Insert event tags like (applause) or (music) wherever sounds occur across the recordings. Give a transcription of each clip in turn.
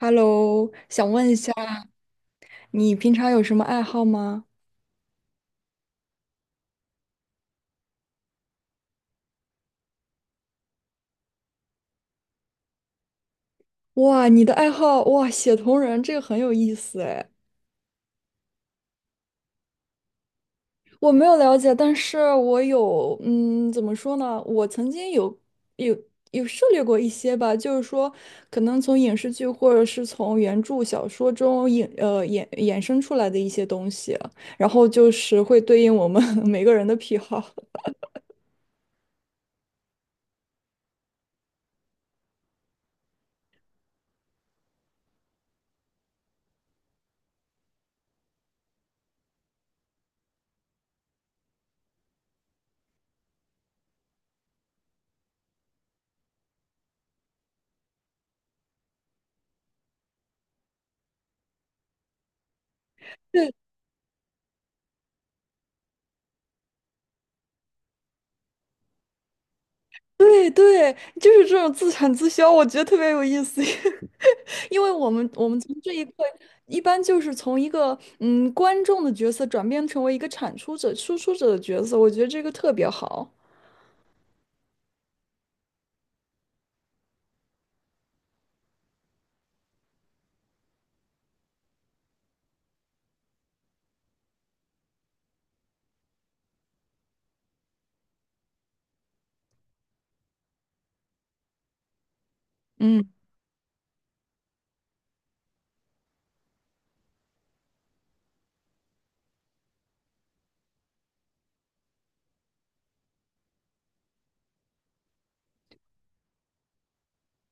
Hello，想问一下，你平常有什么爱好吗？哇，你的爱好，哇，写同人，这个很有意思哎。我没有了解，但是我有，怎么说呢？我曾经有有涉猎过一些吧，就是说，可能从影视剧或者是从原著小说中衍生出来的一些东西，然后就是会对应我们 (laughs) 每个人的癖好。(laughs) 对对，就是这种自产自销，我觉得特别有意思，(laughs) 因为我们从这一刻一般就是从一个观众的角色转变成为一个产出者、输出者的角色，我觉得这个特别好。嗯。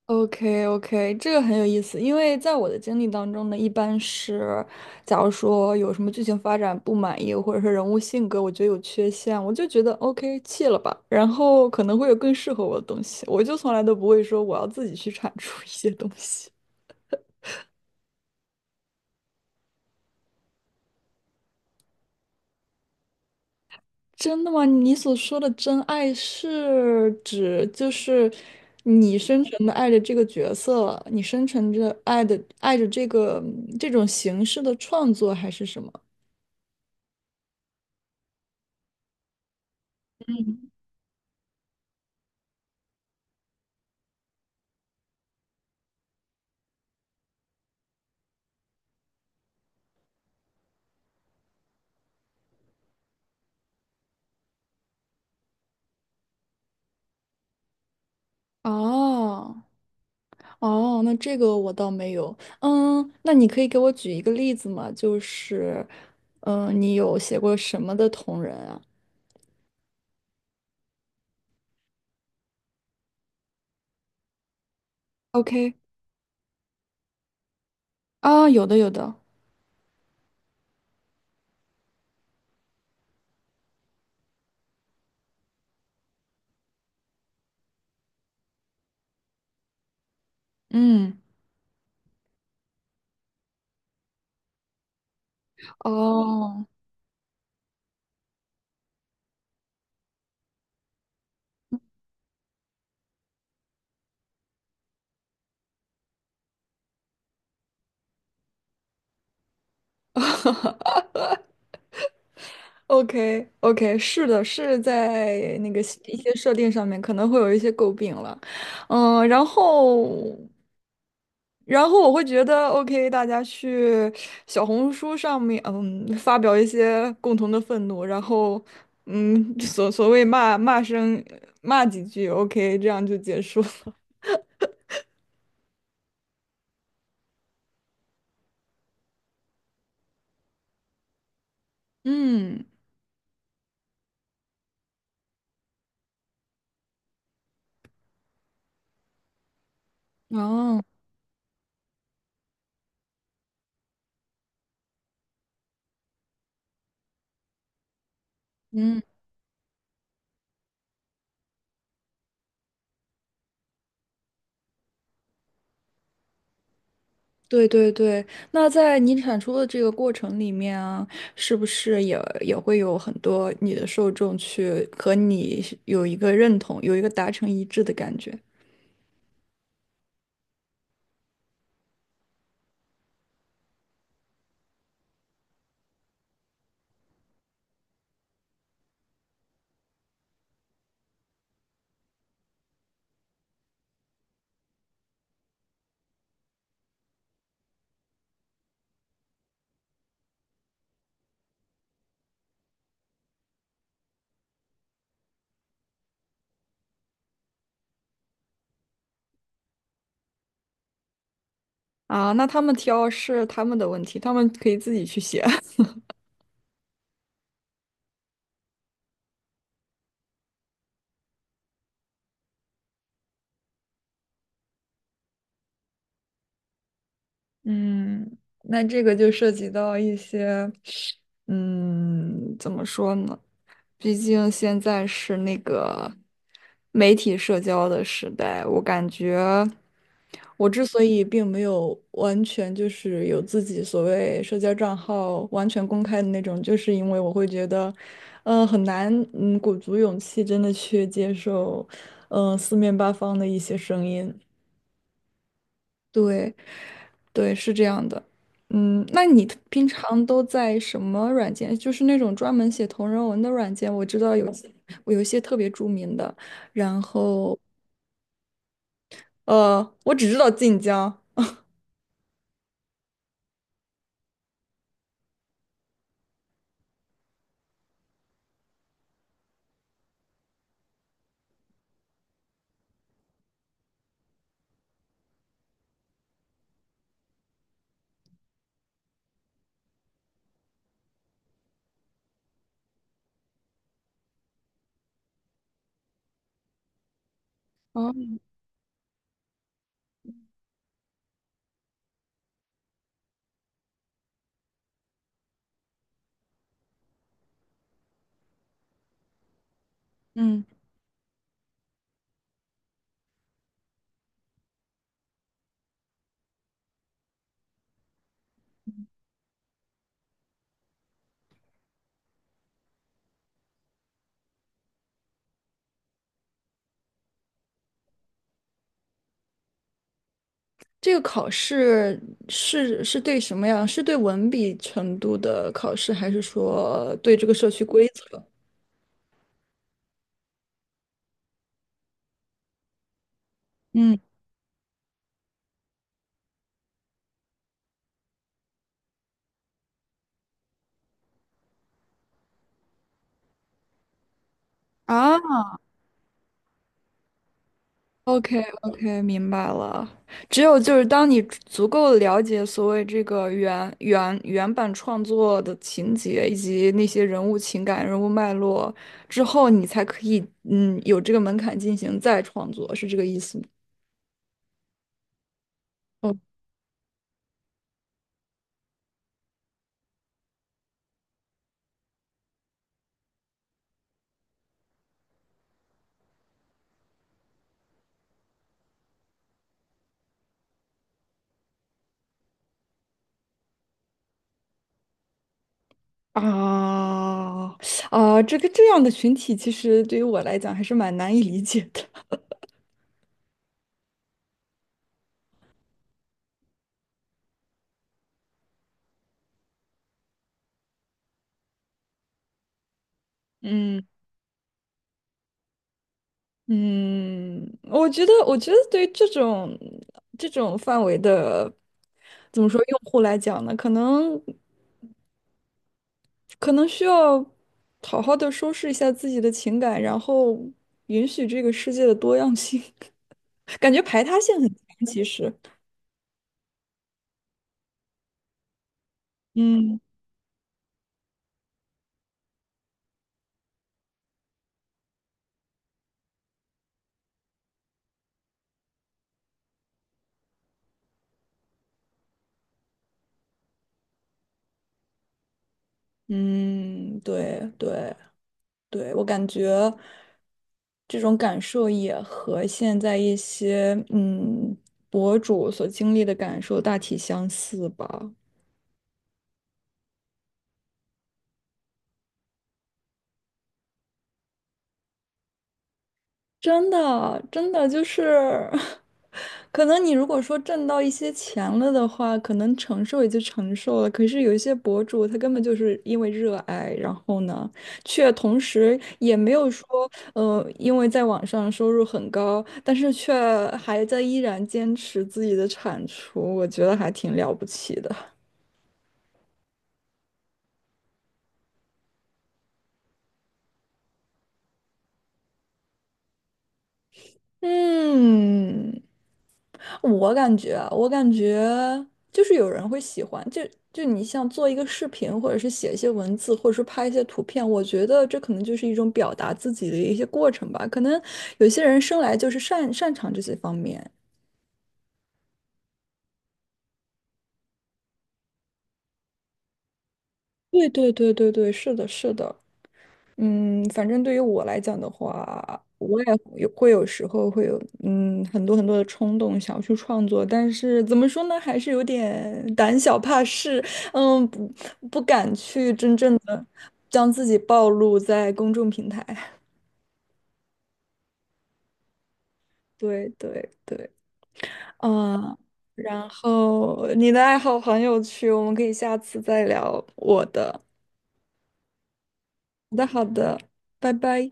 OK OK，这个很有意思，因为在我的经历当中呢，一般是，假如说有什么剧情发展不满意，或者是人物性格我觉得有缺陷，我就觉得 OK 弃了吧，然后可能会有更适合我的东西，我就从来都不会说我要自己去产出一些东西。(laughs) 真的吗？你所说的真爱是指就是你深沉的爱着这个角色，你深沉着爱的爱着这个这种形式的创作，还是什么？哦。哦，那这个我倒没有。嗯，那你可以给我举一个例子吗？就是，嗯，你有写过什么的同人啊？OK，啊，有的，有的。嗯，哦，OK OK，是的，是在那个一些设定上面可能会有一些诟病了。嗯，然后。然后我会觉得，OK，大家去小红书上面，嗯，发表一些共同的愤怒，然后，嗯，所谓骂几句，OK，这样就结束了。(laughs) 嗯，哦，嗯，对对对，那在你产出的这个过程里面啊，是不是也会有很多你的受众去和你是有一个认同，有一个达成一致的感觉？啊，那他们挑是他们的问题，他们可以自己去写。(laughs) 嗯，那这个就涉及到一些，怎么说呢？毕竟现在是那个媒体社交的时代，我感觉我之所以并没有完全就是有自己所谓社交账号完全公开的那种，就是因为我会觉得，嗯，很难，嗯，鼓足勇气真的去接受，嗯，四面八方的一些声音。对，对，是这样的。嗯，那你平常都在什么软件？就是那种专门写同人文的软件，我知道有些我有一些特别著名的。然后，我只知道晋江。哦，嗯。这个考试是对什么呀？是对文笔程度的考试，还是说对这个社区规则？嗯，啊，OK OK，明白了。只有就是当你足够了解所谓这个原版创作的情节以及那些人物情感、人物脉络之后，你才可以有这个门槛进行再创作，是这个意思吗？哦啊啊，这个这样的群体，其实对于我来讲还是蛮难以理解的。嗯。嗯，我觉得，我觉得对于这种范围的，怎么说，用户来讲呢，可能需要好好的收拾一下自己的情感，然后允许这个世界的多样性，(laughs) 感觉排他性很强，其实。嗯嗯，对对对，我感觉这种感受也和现在一些博主所经历的感受大体相似吧。真的，真的就是，(laughs) 可能你如果说挣到一些钱了的话，可能承受也就承受了。可是有一些博主，他根本就是因为热爱，然后呢，却同时也没有说，因为在网上收入很高，但是却还在依然坚持自己的产出，我觉得还挺了不起的。嗯。我感觉就是有人会喜欢，你像做一个视频，或者是写一些文字，或者是拍一些图片，我觉得这可能就是一种表达自己的一些过程吧。可能有些人生来就是擅长这些方面。对对对对对，是的，是的。嗯，反正对于我来讲的话，我也有会有时候会有很多很多的冲动想要去创作，但是怎么说呢，还是有点胆小怕事，嗯，不敢去真正的将自己暴露在公众平台。(laughs) 对对对，嗯，然后你的爱好很有趣，我们可以下次再聊我的。好的好的，拜拜。